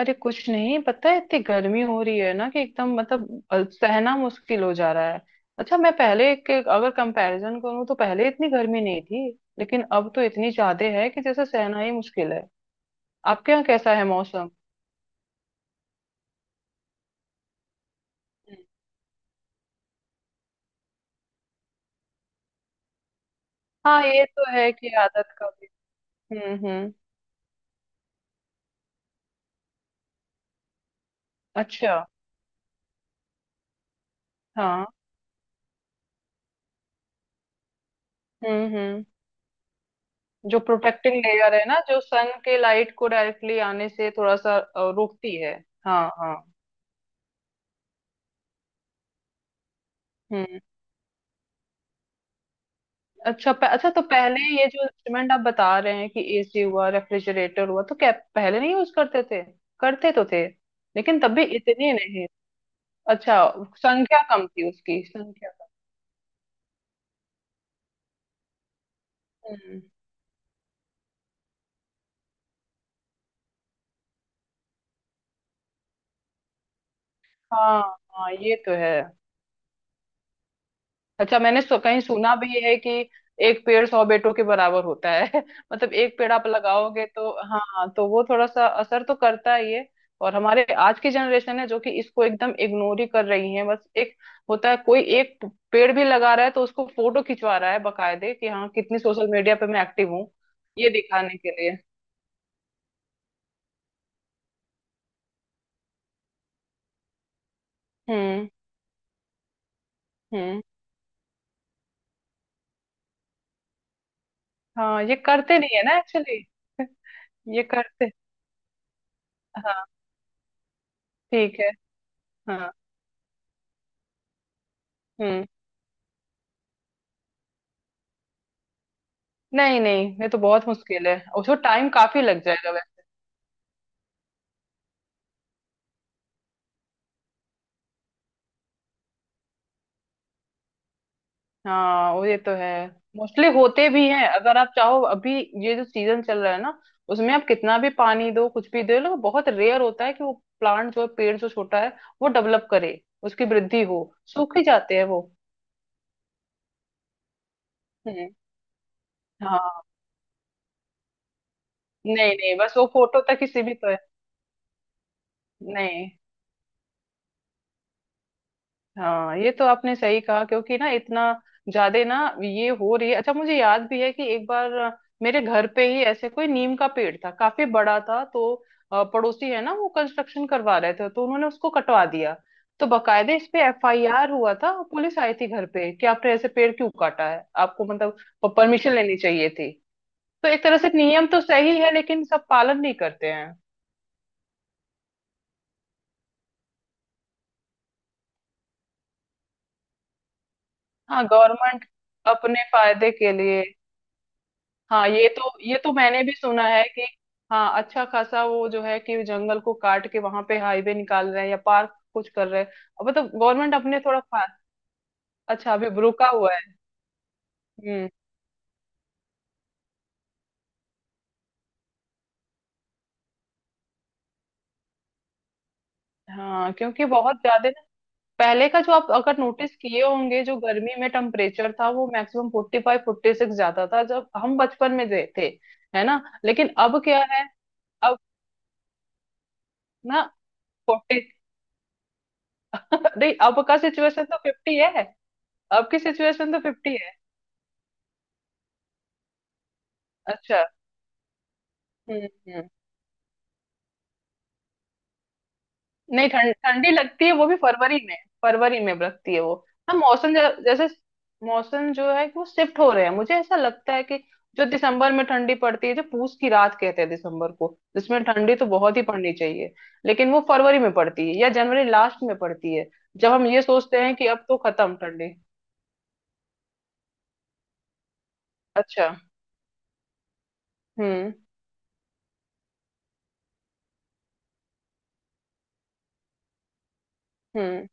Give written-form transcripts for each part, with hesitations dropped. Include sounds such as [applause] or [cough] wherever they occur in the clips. अरे, कुछ नहीं पता है। इतनी गर्मी हो रही है ना कि एकदम मतलब सहना मुश्किल हो जा रहा है। अच्छा, मैं पहले के अगर कंपैरिजन करूँ तो पहले इतनी गर्मी नहीं थी। लेकिन अब तो इतनी ज्यादा है कि जैसे सहना ही मुश्किल है। आपके यहाँ कैसा है मौसम? हम्म। हाँ, ये तो है कि आदत का भी। हम्म। अच्छा। हाँ। हम्म। जो प्रोटेक्टिंग लेयर है ना, जो सन के लाइट को डायरेक्टली आने से थोड़ा सा रोकती है। हाँ हाँ। हम्म। अच्छा। अच्छा, तो पहले ये जो इंस्ट्रूमेंट आप बता रहे हैं कि एसी हुआ, रेफ्रिजरेटर हुआ, तो क्या पहले नहीं यूज करते थे? करते तो थे। लेकिन तब भी इतने नहीं। अच्छा। संख्या कम थी, उसकी संख्या कम। हम्म। हाँ हाँ, ये तो है। अच्छा, मैंने कहीं सुना भी है कि एक पेड़ 100 बेटों के बराबर होता है [laughs] मतलब एक पेड़ आप लगाओगे तो, हाँ, तो वो थोड़ा सा असर तो करता है ये। और हमारे आज की जनरेशन है जो कि इसको एकदम इग्नोर ही कर रही है। बस एक होता है, कोई एक पेड़ भी लगा रहा है तो उसको फोटो खिंचवा रहा है बकायदे कि हाँ, कितनी सोशल मीडिया पे मैं एक्टिव हूँ, ये दिखाने के लिए। हम्म हम्म। हाँ, ये करते नहीं है ना एक्चुअली। [laughs] ये करते, हाँ। ठीक है। हाँ। हम्म। नहीं नहीं, ये तो बहुत मुश्किल है, उसको टाइम काफी लग जाएगा वैसे। हाँ वो, ये तो है। मोस्टली होते भी हैं अगर आप चाहो। अभी ये जो सीजन चल रहा है ना, उसमें आप कितना भी पानी दो, कुछ भी दे लो, बहुत रेयर होता है कि वो प्लांट जो है, पेड़ जो छोटा है, वो डेवलप करे, उसकी वृद्धि हो। सूख ही जाते हैं वो। हम्म। हाँ। नहीं नहीं, बस वो फोटो तक ही सीमित है। नहीं। हाँ, ये तो आपने सही कहा, क्योंकि ना इतना ज्यादा ना ये हो रही है। अच्छा, मुझे याद भी है कि एक बार मेरे घर पे ही ऐसे कोई नीम का पेड़ था, काफी बड़ा था। तो पड़ोसी है ना, वो कंस्ट्रक्शन करवा रहे थे, तो उन्होंने उसको कटवा दिया। तो बकायदे इस पे एफआईआर हुआ था, पुलिस आई थी घर पे कि आपने ऐसे पेड़ क्यों काटा है, आपको मतलब परमिशन लेनी चाहिए थी। तो एक तरह से नियम तो सही है, लेकिन सब पालन नहीं करते हैं। हाँ, गवर्नमेंट अपने फायदे के लिए। हाँ ये तो मैंने भी सुना है कि, हाँ, अच्छा खासा वो जो है कि जंगल को काट के वहां पे हाईवे निकाल रहे हैं या पार्क कुछ कर रहे हैं। अब मतलब गवर्नमेंट अपने थोड़ा अच्छा, अभी रुका हुआ है। हम्म। हाँ, क्योंकि बहुत ज्यादा ना पहले का जो आप अगर नोटिस किए होंगे, जो गर्मी में टेम्परेचर था, वो मैक्सिमम 45 46 जाता था जब हम बचपन में थे। है ना? लेकिन अब क्या है? अब ना फोर्टी, [laughs] नहीं, अब का सिचुएशन तो 50 है। अब की सिचुएशन तो 50 है। अच्छा। हम्म हम्म। नहीं, ठंड ठंडी लगती है, वो भी फरवरी में। फरवरी में लगती है वो। हाँ, मौसम जैसे मौसम जो है कि वो शिफ्ट हो रहे हैं। मुझे ऐसा लगता है कि जो दिसंबर में ठंडी पड़ती है, जो पूस की रात कहते हैं दिसंबर को, जिसमें ठंडी तो बहुत ही पड़नी चाहिए, लेकिन वो फरवरी में पड़ती है या जनवरी लास्ट में पड़ती है। जब हम ये सोचते हैं कि अब तो खत्म ठंडी। अच्छा। हम्म हम्म।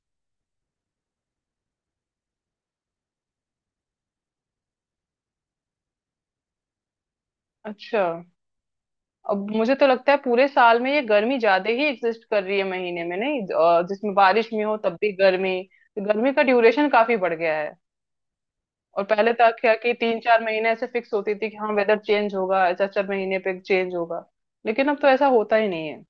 अच्छा। अब मुझे तो लगता है पूरे साल में ये गर्मी ज्यादा ही एग्जिस्ट कर रही है, महीने में नहीं, जिसमें बारिश भी हो तब भी गर्मी। तो गर्मी का ड्यूरेशन काफी बढ़ गया है। और पहले तक क्या कि 3 4 महीने ऐसे फिक्स होती थी कि हाँ, वेदर चेंज होगा, चार चार महीने पे चेंज होगा, लेकिन अब तो ऐसा होता ही नहीं है।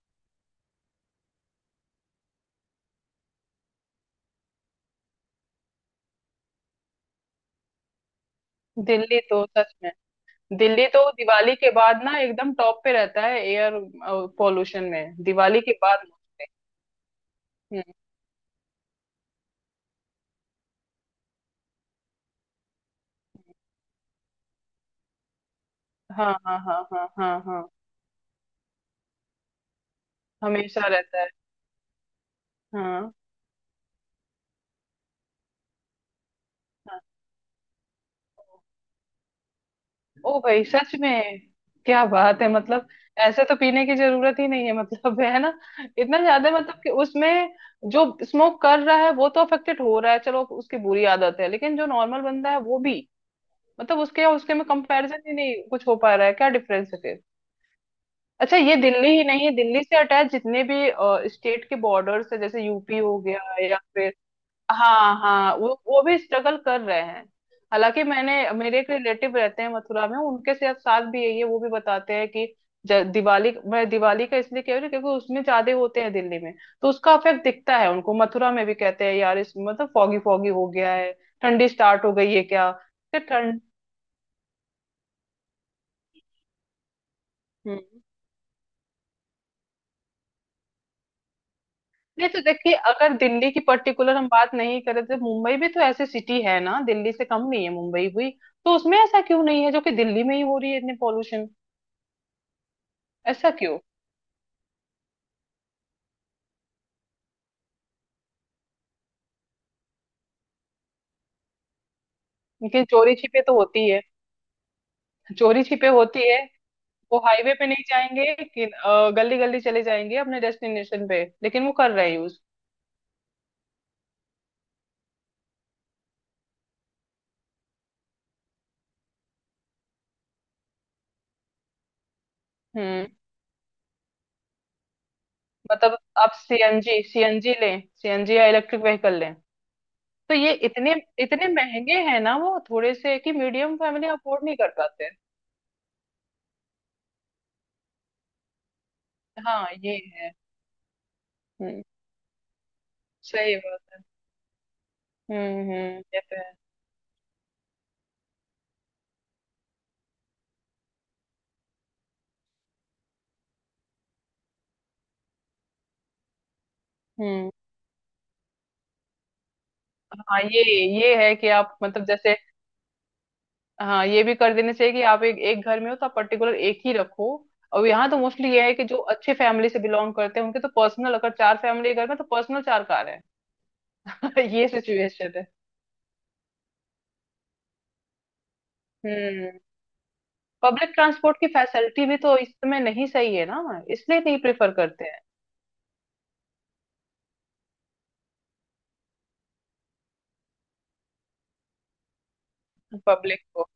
दिल्ली तो सच में, दिल्ली तो दिवाली के बाद ना एकदम टॉप पे रहता है एयर पॉल्यूशन में, दिवाली के बाद। हम्म। हाँ हाँ हाँ हाँ हाँ हाँ। हमेशा रहता है। हाँ हाँ। ओ भाई, सच में, क्या बात है, मतलब। ऐसे तो पीने की जरूरत ही नहीं है मतलब, है ना? इतना ज्यादा मतलब कि उसमें जो स्मोक कर रहा है वो तो अफेक्टेड हो रहा है, चलो उसकी बुरी आदत है, लेकिन जो नॉर्मल बंदा है वो भी, मतलब उसके और उसके में कंपैरिजन ही नहीं कुछ हो पा रहा है, क्या डिफरेंस है फिर? अच्छा, ये दिल्ली ही नहीं है, दिल्ली से अटैच जितने भी स्टेट के बॉर्डर्स है, जैसे यूपी हो गया या फिर, हाँ हाँ, वो भी स्ट्रगल कर रहे हैं। हालांकि मैंने, मेरे एक रिलेटिव रहते हैं मथुरा में, उनके साथ साथ भी यही है, वो भी बताते हैं कि दिवाली, मैं दिवाली का इसलिए कह रही हूँ क्योंकि उसमें ज्यादा होते हैं दिल्ली में, तो उसका इफेक्ट दिखता है उनको मथुरा में भी। कहते हैं यार, इस मतलब फॉगी फॉगी हो गया है, ठंडी स्टार्ट हो गई है क्या, कि ठंड। हम्म। नहीं तो देखिए, अगर दिल्ली की पर्टिकुलर हम बात नहीं करें तो मुंबई भी तो ऐसी सिटी है ना, दिल्ली से कम नहीं है मुंबई भी। तो उसमें ऐसा क्यों नहीं है जो कि दिल्ली में ही हो रही है इतनी पॉल्यूशन? ऐसा क्यों? लेकिन चोरी छिपे तो होती है। चोरी छिपे होती है। वो हाईवे पे नहीं जाएंगे, कि गली गली चले जाएंगे अपने डेस्टिनेशन पे, लेकिन वो कर रहे हैं यूज। हम्म। मतलब आप सीएनजी सीएनजी लें, सीएनजी या इलेक्ट्रिक व्हीकल लें, तो ये इतने इतने महंगे हैं ना, वो थोड़े से कि मीडियम फैमिली अफोर्ड नहीं कर पाते। हाँ ये है। हम्म। सही बात। हम्म। ये तो है। हम्म। हाँ ये है कि आप मतलब जैसे, हाँ, ये भी कर देना चाहिए कि आप एक, एक घर में हो तो आप पर्टिकुलर एक ही रखो। और यहाँ तो मोस्टली ये है कि जो अच्छे फैमिली से बिलोंग करते हैं उनके तो पर्सनल, अगर चार फैमिली घर में, तो पर्सनल चार कार है। [laughs] ये सिचुएशन है। हम्म। पब्लिक ट्रांसपोर्ट की फैसिलिटी भी तो इस समय नहीं सही है ना, इसलिए नहीं प्रेफर करते हैं। पब्लिक को।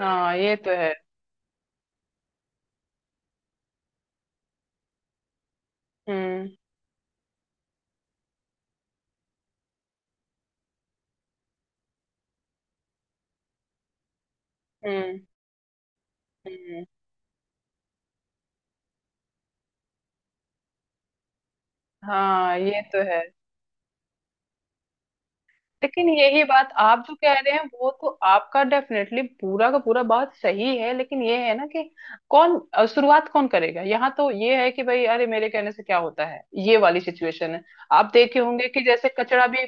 हाँ, ये तो है। हम्म हम्म हम्म। हाँ, ये तो है। लेकिन यही बात आप जो कह रहे हैं वो तो आपका डेफिनेटली पूरा का पूरा बात सही है, लेकिन ये है ना कि कौन, शुरुआत कौन करेगा यहाँ? तो ये है कि भाई, अरे मेरे कहने से क्या होता है, ये वाली सिचुएशन है। आप देखे होंगे कि जैसे कचरा भी,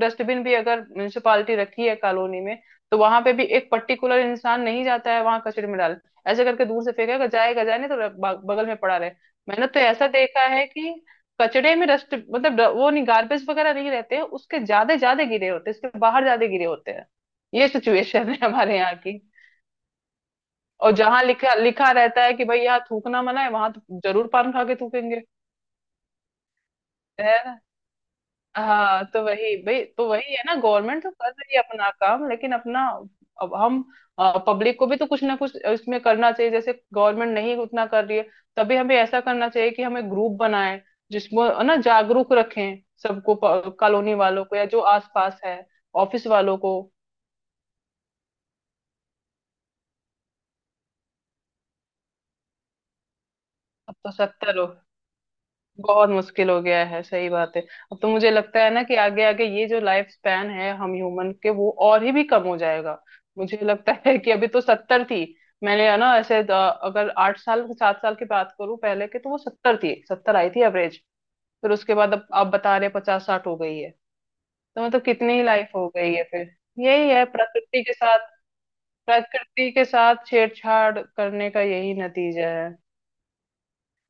डस्टबिन भी अगर म्यूनिसिपालिटी रखी है कॉलोनी में, तो वहां पे भी एक पर्टिकुलर इंसान नहीं जाता है वहां कचरे में डाल ऐसे करके दूर से फेंकेगा, जाएगा, जाए नहीं तो बगल में पड़ा रहे। मैंने तो ऐसा देखा है कि कचड़े में डस्ट, मतलब वो नहीं, गार्बेज वगैरह नहीं रहते हैं उसके, ज्यादा ज्यादा गिरे होते हैं उसके बाहर, ज्यादा गिरे होते हैं। ये सिचुएशन है हमारे यहाँ की। और जहां लिखा लिखा रहता है कि भाई यहाँ थूकना मना है, वहां तो जरूर पान खा के थूकेंगे। है। हाँ तो वही भाई, तो वही है ना, गवर्नमेंट तो कर रही है अपना काम, लेकिन अपना, अब हम पब्लिक को भी तो कुछ ना कुछ इसमें करना चाहिए। जैसे गवर्नमेंट नहीं उतना कर रही है, तभी हमें ऐसा करना चाहिए कि हमें ग्रुप बनाएं, जिसमें है ना जागरूक रखें सबको, कॉलोनी वालों को या जो आसपास है, ऑफिस वालों को। अब तो 70 बहुत मुश्किल हो गया है, सही बात है। अब तो मुझे लगता है ना कि आगे आगे ये जो लाइफ स्पैन है हम ह्यूमन के, वो और ही भी कम हो जाएगा। मुझे लगता है कि अभी तो 70 थी, मैंने, है ना ऐसे, अगर 8 साल 7 साल की बात करूं पहले के, तो वो 70 थी, 70 आई थी एवरेज। फिर उसके बाद अब आप बता रहे 50 60 हो गई है। तो मतलब कितनी ही लाइफ हो गई है फिर। यही है प्रकृति के साथ, प्रकृति के साथ छेड़छाड़ करने का यही नतीजा है।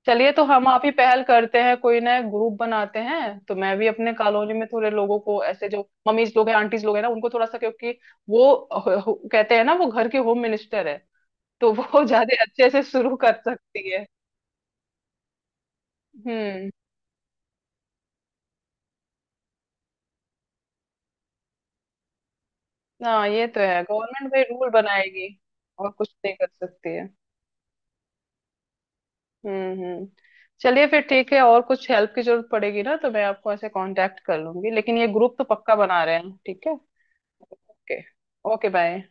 चलिए, तो हम आप ही पहल करते हैं, कोई ना ग्रुप बनाते हैं। तो मैं भी अपने कॉलोनी में थोड़े लोगों को ऐसे, जो मम्मीज लोग हैं, आंटीज लोग हैं ना, उनको थोड़ा सा, क्योंकि वो कहते हैं ना, वो घर की होम मिनिस्टर है, तो वो [laughs] ज्यादा अच्छे से शुरू कर सकती है। हम्म। हाँ, ये तो है, गवर्नमेंट भाई रूल बनाएगी और कुछ नहीं कर सकती है। हम्म। चलिए फिर, ठीक है, और कुछ हेल्प की जरूरत पड़ेगी ना तो मैं आपको ऐसे कांटेक्ट कर लूंगी, लेकिन ये ग्रुप तो पक्का बना रहे हैं, ठीक है? ओके। Okay bye.